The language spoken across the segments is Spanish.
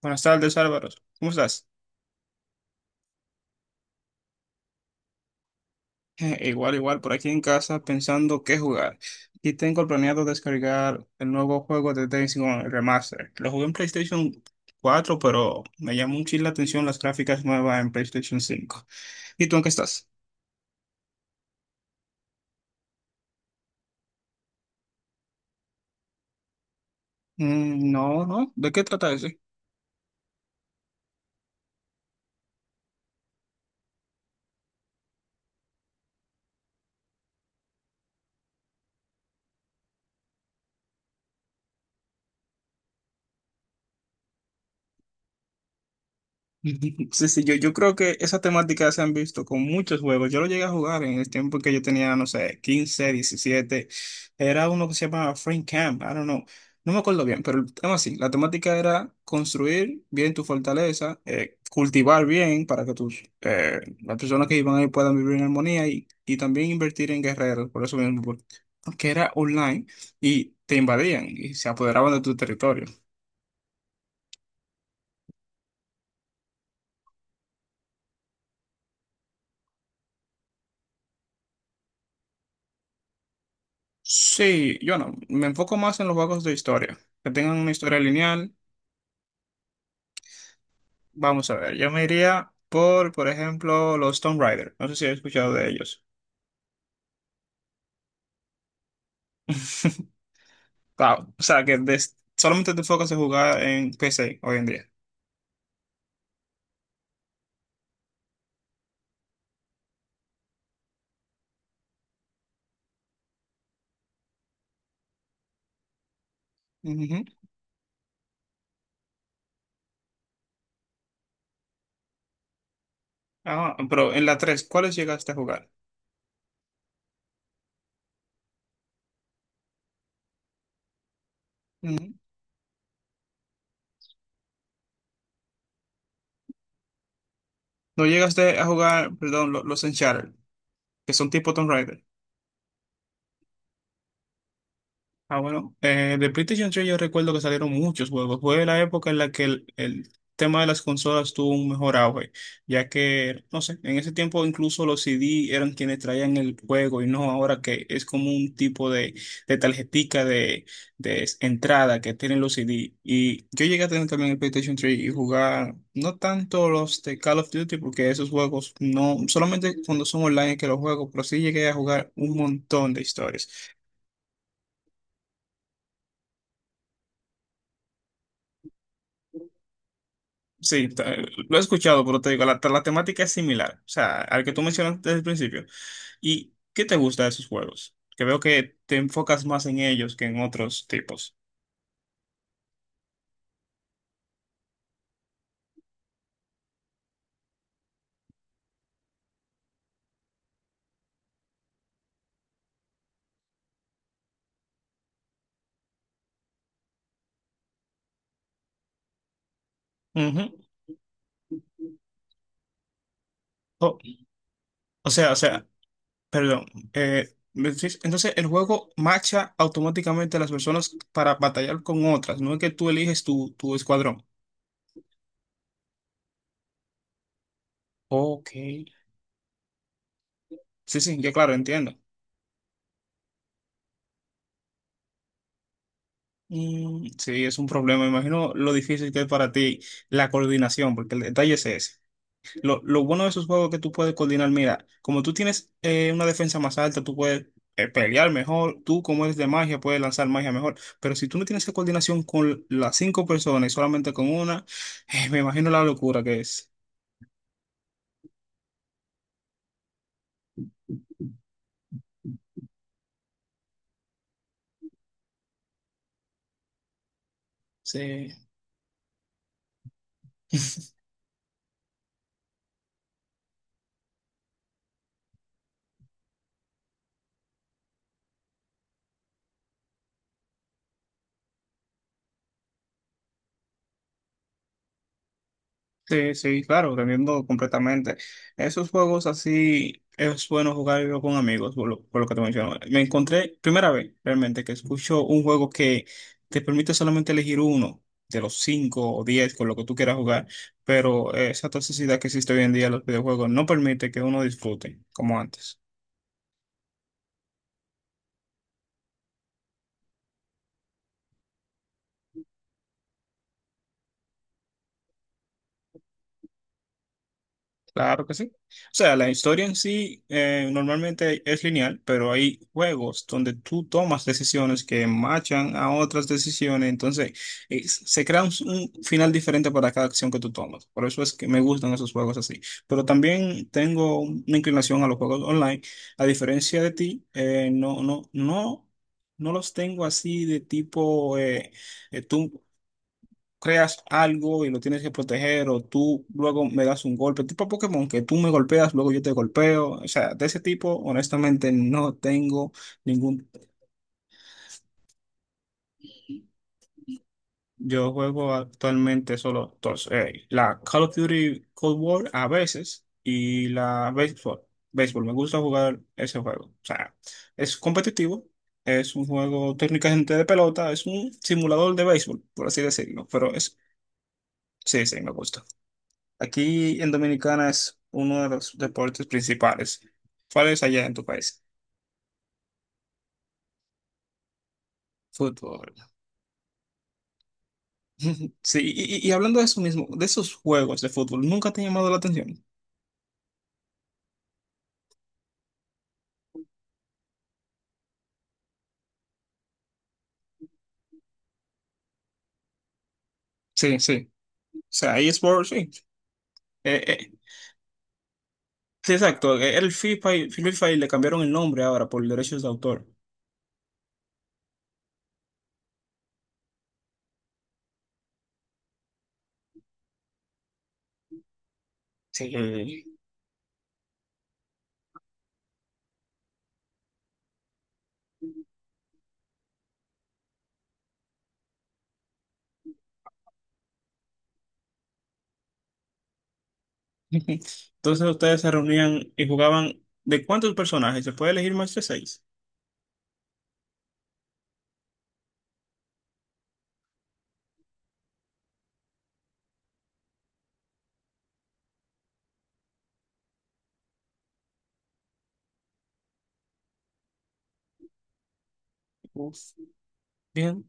Buenas tardes, Álvaro. ¿Cómo estás? Igual, igual, por aquí en casa pensando qué jugar. Y tengo planeado descargar el nuevo juego de Days Gone Remaster. Lo jugué en PlayStation 4, pero me llamó mucho la atención las gráficas nuevas en PlayStation 5. ¿Y tú en qué estás? Mm, no, no. ¿De qué trata eso? Sí, sí, yo creo que esa temática se han visto con muchos juegos. Yo lo llegué a jugar en el tiempo que yo tenía, no sé, 15 17. Era uno que se llamaba Frame Camp, I don't know. No me acuerdo bien, pero el tema así, la temática era construir bien tu fortaleza, cultivar bien para que las personas que iban ahí puedan vivir en armonía y también invertir en guerreros, por eso mismo, porque era online y te invadían y se apoderaban de tu territorio. Sí, yo no, me enfoco más en los juegos de historia, que tengan una historia lineal. Vamos a ver, yo me iría por ejemplo, los Tomb Raider. No sé si has escuchado de ellos. Claro, o sea, que solamente te enfocas en jugar en PC hoy en día. Ujú. Ah, pero en la 3, ¿cuáles llegaste a jugar? Ujú. No llegaste a jugar, perdón, los Uncharted, que son tipo Tomb Raider. Ah, bueno, de PlayStation 3 yo recuerdo que salieron muchos juegos. Fue la época en la que el tema de las consolas tuvo un mejor auge, ya que, no sé, en ese tiempo incluso los CD eran quienes traían el juego y no ahora que es como un tipo de tarjetica de, de entrada que tienen los CD. Y yo llegué a tener también el PlayStation 3 y jugar no tanto los de Call of Duty, porque esos juegos no, solamente cuando son online es que los juego, pero sí llegué a jugar un montón de historias. Sí, lo he escuchado, pero te digo, la temática es similar, o sea, al que tú mencionaste desde el principio. ¿Y qué te gusta de esos juegos? Que veo que te enfocas más en ellos que en otros tipos. Ujú. O, o sea, perdón, entonces, el juego macha automáticamente a las personas para batallar con otras. No es que tú eliges tu escuadrón. Ok. Sí, sí, ya claro, entiendo. Mm, sí, es un problema. Me imagino lo difícil que es para ti la coordinación, porque el detalle es ese. Lo bueno de esos juegos es que tú puedes coordinar. Mira, como tú tienes una defensa más alta, tú puedes pelear mejor. Tú, como eres de magia, puedes lanzar magia mejor. Pero si tú no tienes esa coordinación con las cinco personas y solamente con una, me imagino la locura que es. Sí. Sí, sí, claro, te entiendo completamente. Esos juegos así es bueno jugar con amigos, por lo que te menciono. Me encontré, primera vez realmente, que escucho un juego que te permite solamente elegir uno de los cinco o diez con lo que tú quieras jugar, pero esa toxicidad que existe hoy en día en los videojuegos no permite que uno disfrute como antes. Claro que sí. O sea, la historia en sí normalmente es lineal, pero hay juegos donde tú tomas decisiones que machan a otras decisiones, entonces se crea un final diferente para cada acción que tú tomas. Por eso es que me gustan esos juegos así. Pero también tengo una inclinación a los juegos online. A diferencia de ti, no los tengo así de tipo tú creas algo y lo tienes que proteger o tú luego me das un golpe, tipo Pokémon, que tú me golpeas, luego yo te golpeo, o sea, de ese tipo, honestamente, no tengo ningún, yo juego actualmente solo dos, la Call of Duty Cold War a veces y la béisbol, béisbol, me gusta jugar ese juego, o sea, es competitivo. Es un juego técnicamente de pelota, es un simulador de béisbol, por así decirlo, pero es, sí, sí, me gusta. Aquí en Dominicana es uno de los deportes principales. ¿Cuál es allá en tu país? Fútbol. Sí, y hablando de eso mismo, de esos juegos de fútbol, ¿nunca te ha llamado la atención? Sí, sí. O sea, eSports, sí. Eh, eh, sí, exacto. El FIFA y le cambiaron el nombre ahora por derechos de autor. Sí. Ujú. Entonces ustedes se reunían y jugaban ¿de cuántos personajes? ¿Se puede elegir más de seis? Uf. Bien.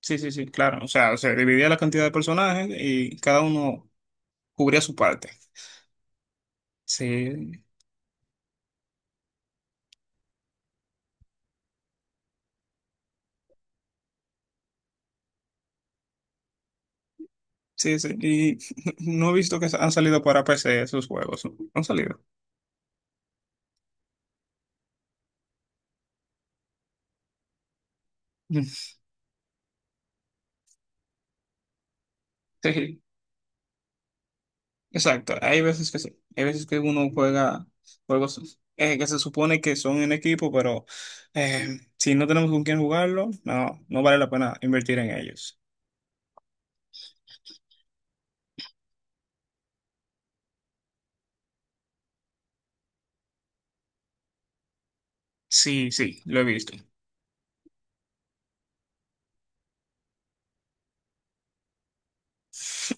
Sí, sí, sí, claro. O sea, se dividía la cantidad de personajes y cada uno cubría su parte. Sí. Sí, sí, y no he visto que han salido para PC esos juegos, ¿no? Han salido. Mm. Sí, exacto. Hay veces que sí. Hay veces que uno juega juegos que se supone que son en equipo, pero si no tenemos con quién jugarlo, no, no vale la pena invertir en ellos. Sí, sí, lo he visto.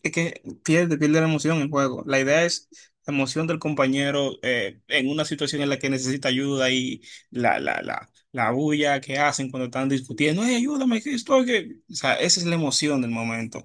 Es que pierde, pierde la emoción en juego. La idea es la emoción del compañero en una situación en la que necesita ayuda y la bulla que hacen cuando están discutiendo. "Ey, ayúdame, que estoy que-". O sea, esa es la emoción del momento.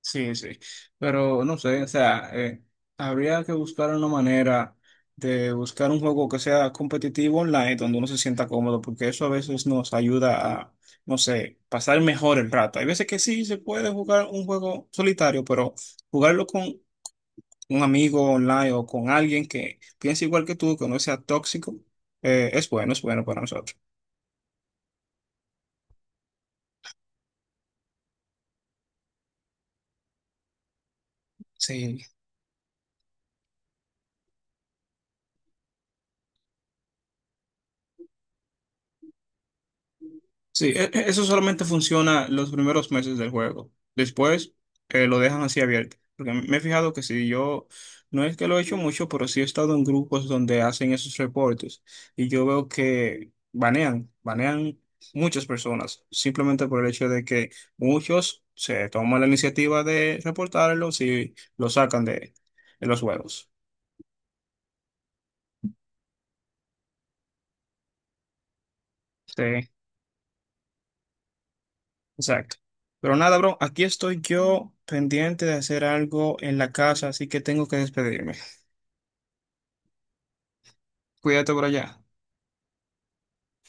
Sí, sí, pero no sé, o sea, habría que buscar una manera de buscar un juego que sea competitivo online, donde uno se sienta cómodo, porque eso a veces nos ayuda a, no sé, pasar mejor el rato. Hay veces que sí se puede jugar un juego solitario, pero jugarlo con un amigo online o con alguien que piense igual que tú, que no sea tóxico, es bueno para nosotros. Sí, sí, eso solamente funciona los primeros meses del juego. Después lo dejan así abierto. Porque me he fijado que si yo, no es que lo he hecho mucho, pero sí he estado en grupos donde hacen esos reportes y yo veo que banean, banean muchas personas, simplemente por el hecho de que muchos se toman la iniciativa de reportarlo si lo sacan de los juegos. Sí. Exacto. Pero nada, bro, aquí estoy yo pendiente de hacer algo en la casa, así que tengo que despedirme. Cuídate por allá.